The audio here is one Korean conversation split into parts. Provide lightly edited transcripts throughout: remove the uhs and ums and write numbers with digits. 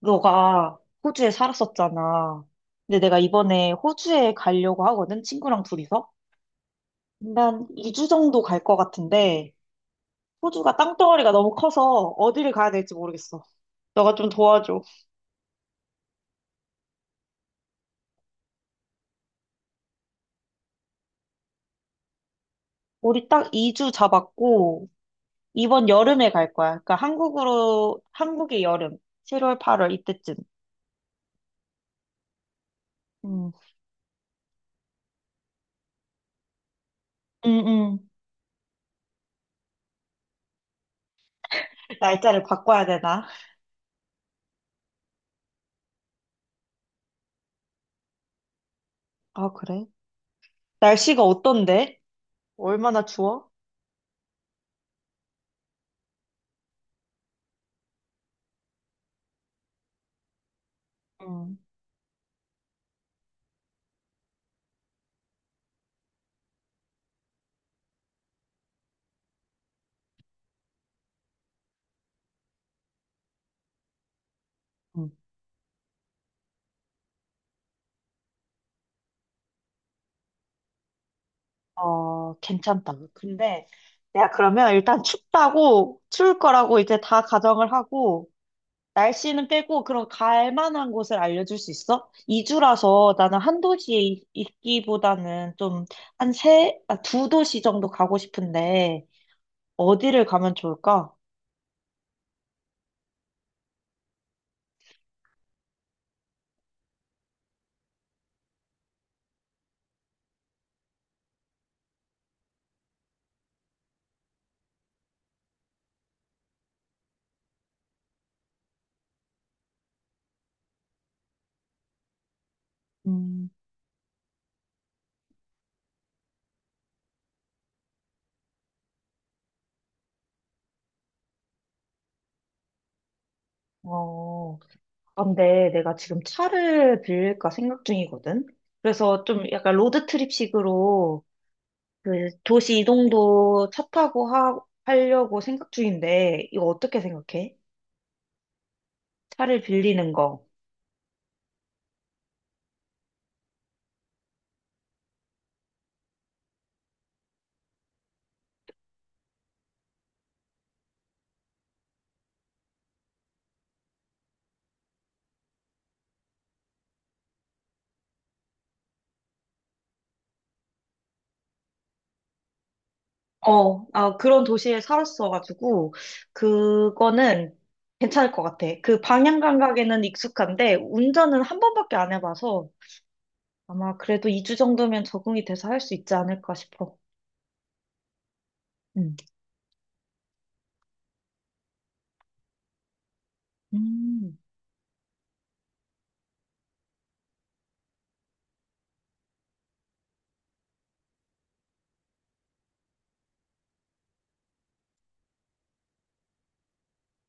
너가 호주에 살았었잖아. 근데 내가 이번에 호주에 가려고 하거든, 친구랑 둘이서. 난 2주 정도 갈 것 같은데, 호주가 땅덩어리가 너무 커서 어디를 가야 될지 모르겠어. 너가 좀 도와줘. 우리 딱 2주 잡았고, 이번 여름에 갈 거야. 그러니까 한국으로, 한국의 여름, 7월, 8월 이때쯤. 음, 음, 음. 날짜를 바꿔야 되나? 아, 그래? 날씨가 어떤데? 얼마나 추워? 음. 음. 어, 괜찮다. 근데 내가 그러면 일단 춥다고, 추울 거라고 이제 다 가정을 하고, 날씨는 빼고, 그럼 갈 만한 곳을 알려줄 수 있어? 2주라서 나는 한 도시에 있기보다는 좀, 한 세, 아, 두 도시 정도 가고 싶은데, 어디를 가면 좋을까? 음, 어, 아, 근데 내가 지금 차를 빌릴까 생각 중이거든? 그래서 좀 약간 로드트립식으로 그 도시 이동도 차 타고 하려고 생각 중인데, 이거 어떻게 생각해? 차를 빌리는 거. 어, 아, 그런 도시에 살았어가지고, 그거는 괜찮을 것 같아. 그 방향 감각에는 익숙한데, 운전은 한 번밖에 안 해봐서, 아마 그래도 2주 정도면 적응이 돼서 할 수 있지 않을까 싶어. 음. 음.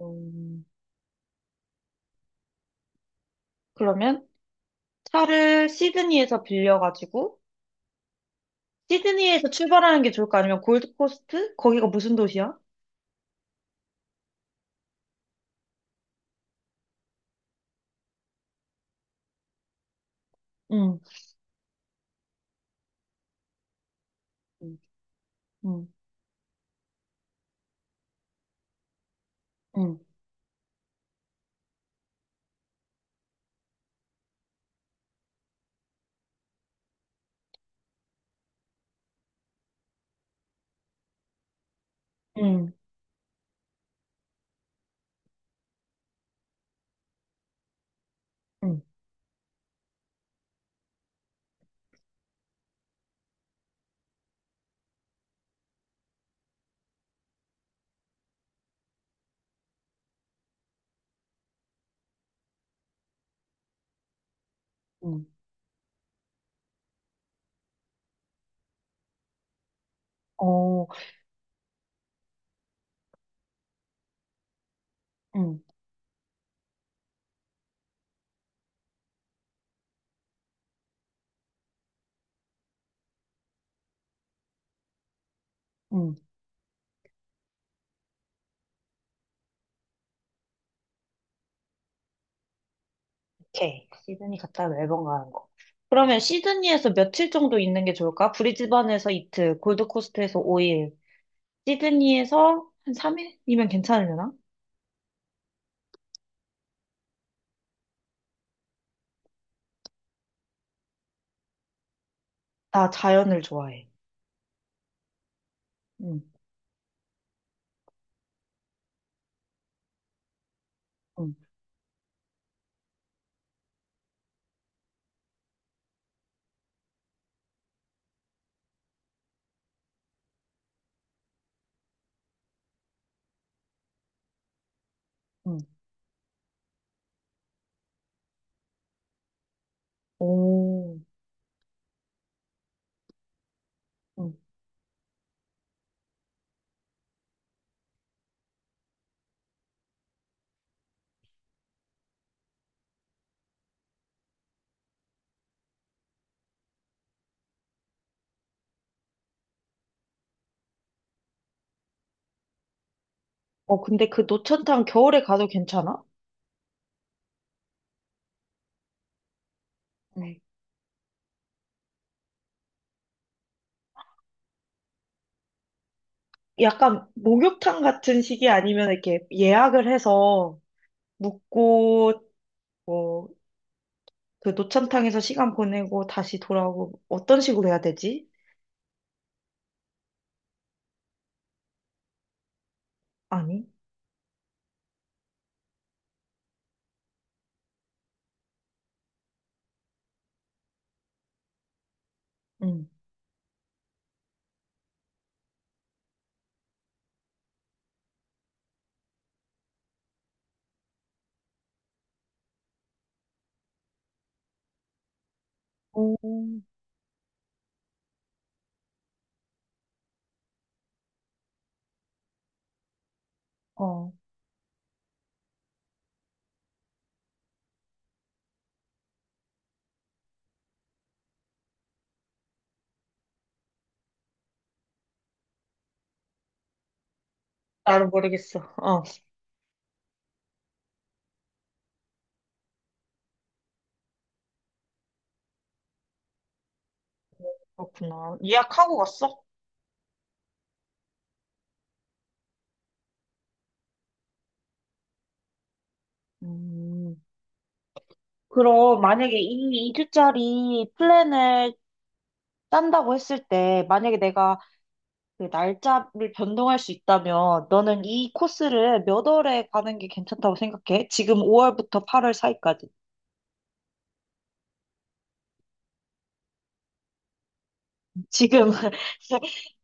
음, 그러면 차를 시드니에서 빌려가지고, 시드니에서 출발하는 게 좋을까? 아니면 골드코스트? 거기가 무슨 도시야? 응, 응 응, 응, 응, 응, 음. 어, 응, 응. 오케이. 시드니 갔다 멜번 가는 거. 그러면 시드니에서 며칠 정도 있는 게 좋을까? 브리즈번에서 이틀, 골드코스트에서 5일, 시드니에서 한 3일이면 괜찮으려나? 나 자연을 좋아해. 응, 응, 응, 오. 응, 어, 근데 그 노천탕 겨울에 가도 괜찮아? 응. 약간 목욕탕 같은 시기 아니면 이렇게 예약을 해서 묵고 뭐 그 노천탕에서 시간 보내고 다시 돌아오고 어떤 식으로 해야 되지? 아니, 응, 오, 어, 나를 모르겠어. 어, 그렇구나. 예약하고 갔어? 음. 그럼 만약에 이 2주짜리 플랜을 짠다고 했을 때, 만약에 내가 그 날짜를 변동할 수 있다면, 너는 이 코스를 몇 월에 가는 게 괜찮다고 생각해? 지금 5월부터 8월 사이까지. 지금.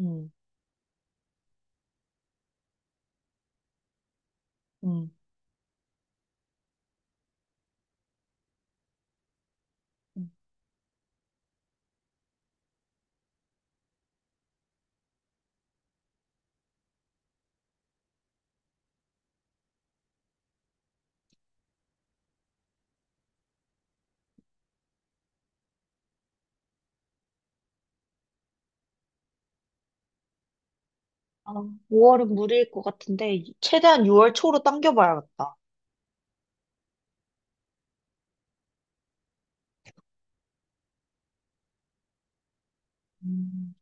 음, 음. 아, 5월은 무리일 것 같은데, 최대한 6월 초로 당겨봐야겠다. 음,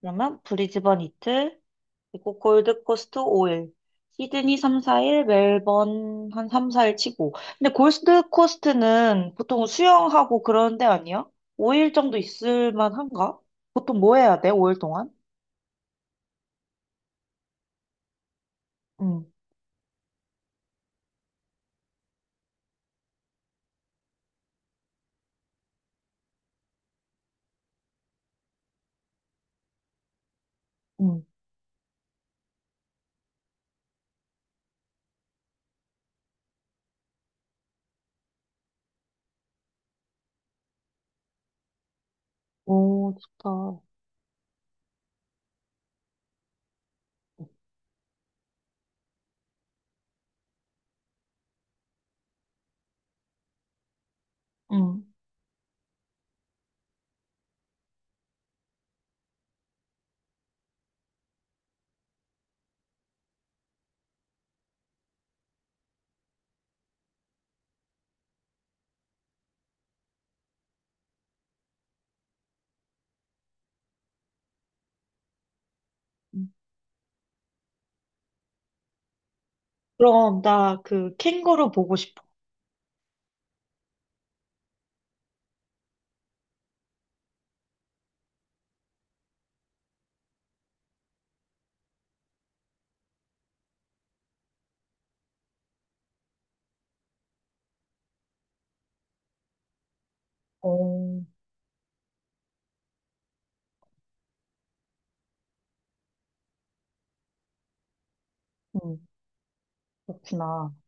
그러면 브리즈번 이틀, 그리고 골드코스트 5일, 시드니 3, 4일, 멜번 한 3, 4일 치고. 근데 골드코스트는 보통 수영하고 그런 데 아니야? 5일 정도 있을 만한가? 보통 뭐 해야 돼, 5일 동안? 응, 응. 오, 좋다. 응. 응. 그럼 나 그 캥거루 보고 싶어. 오, 응, 그렇구나.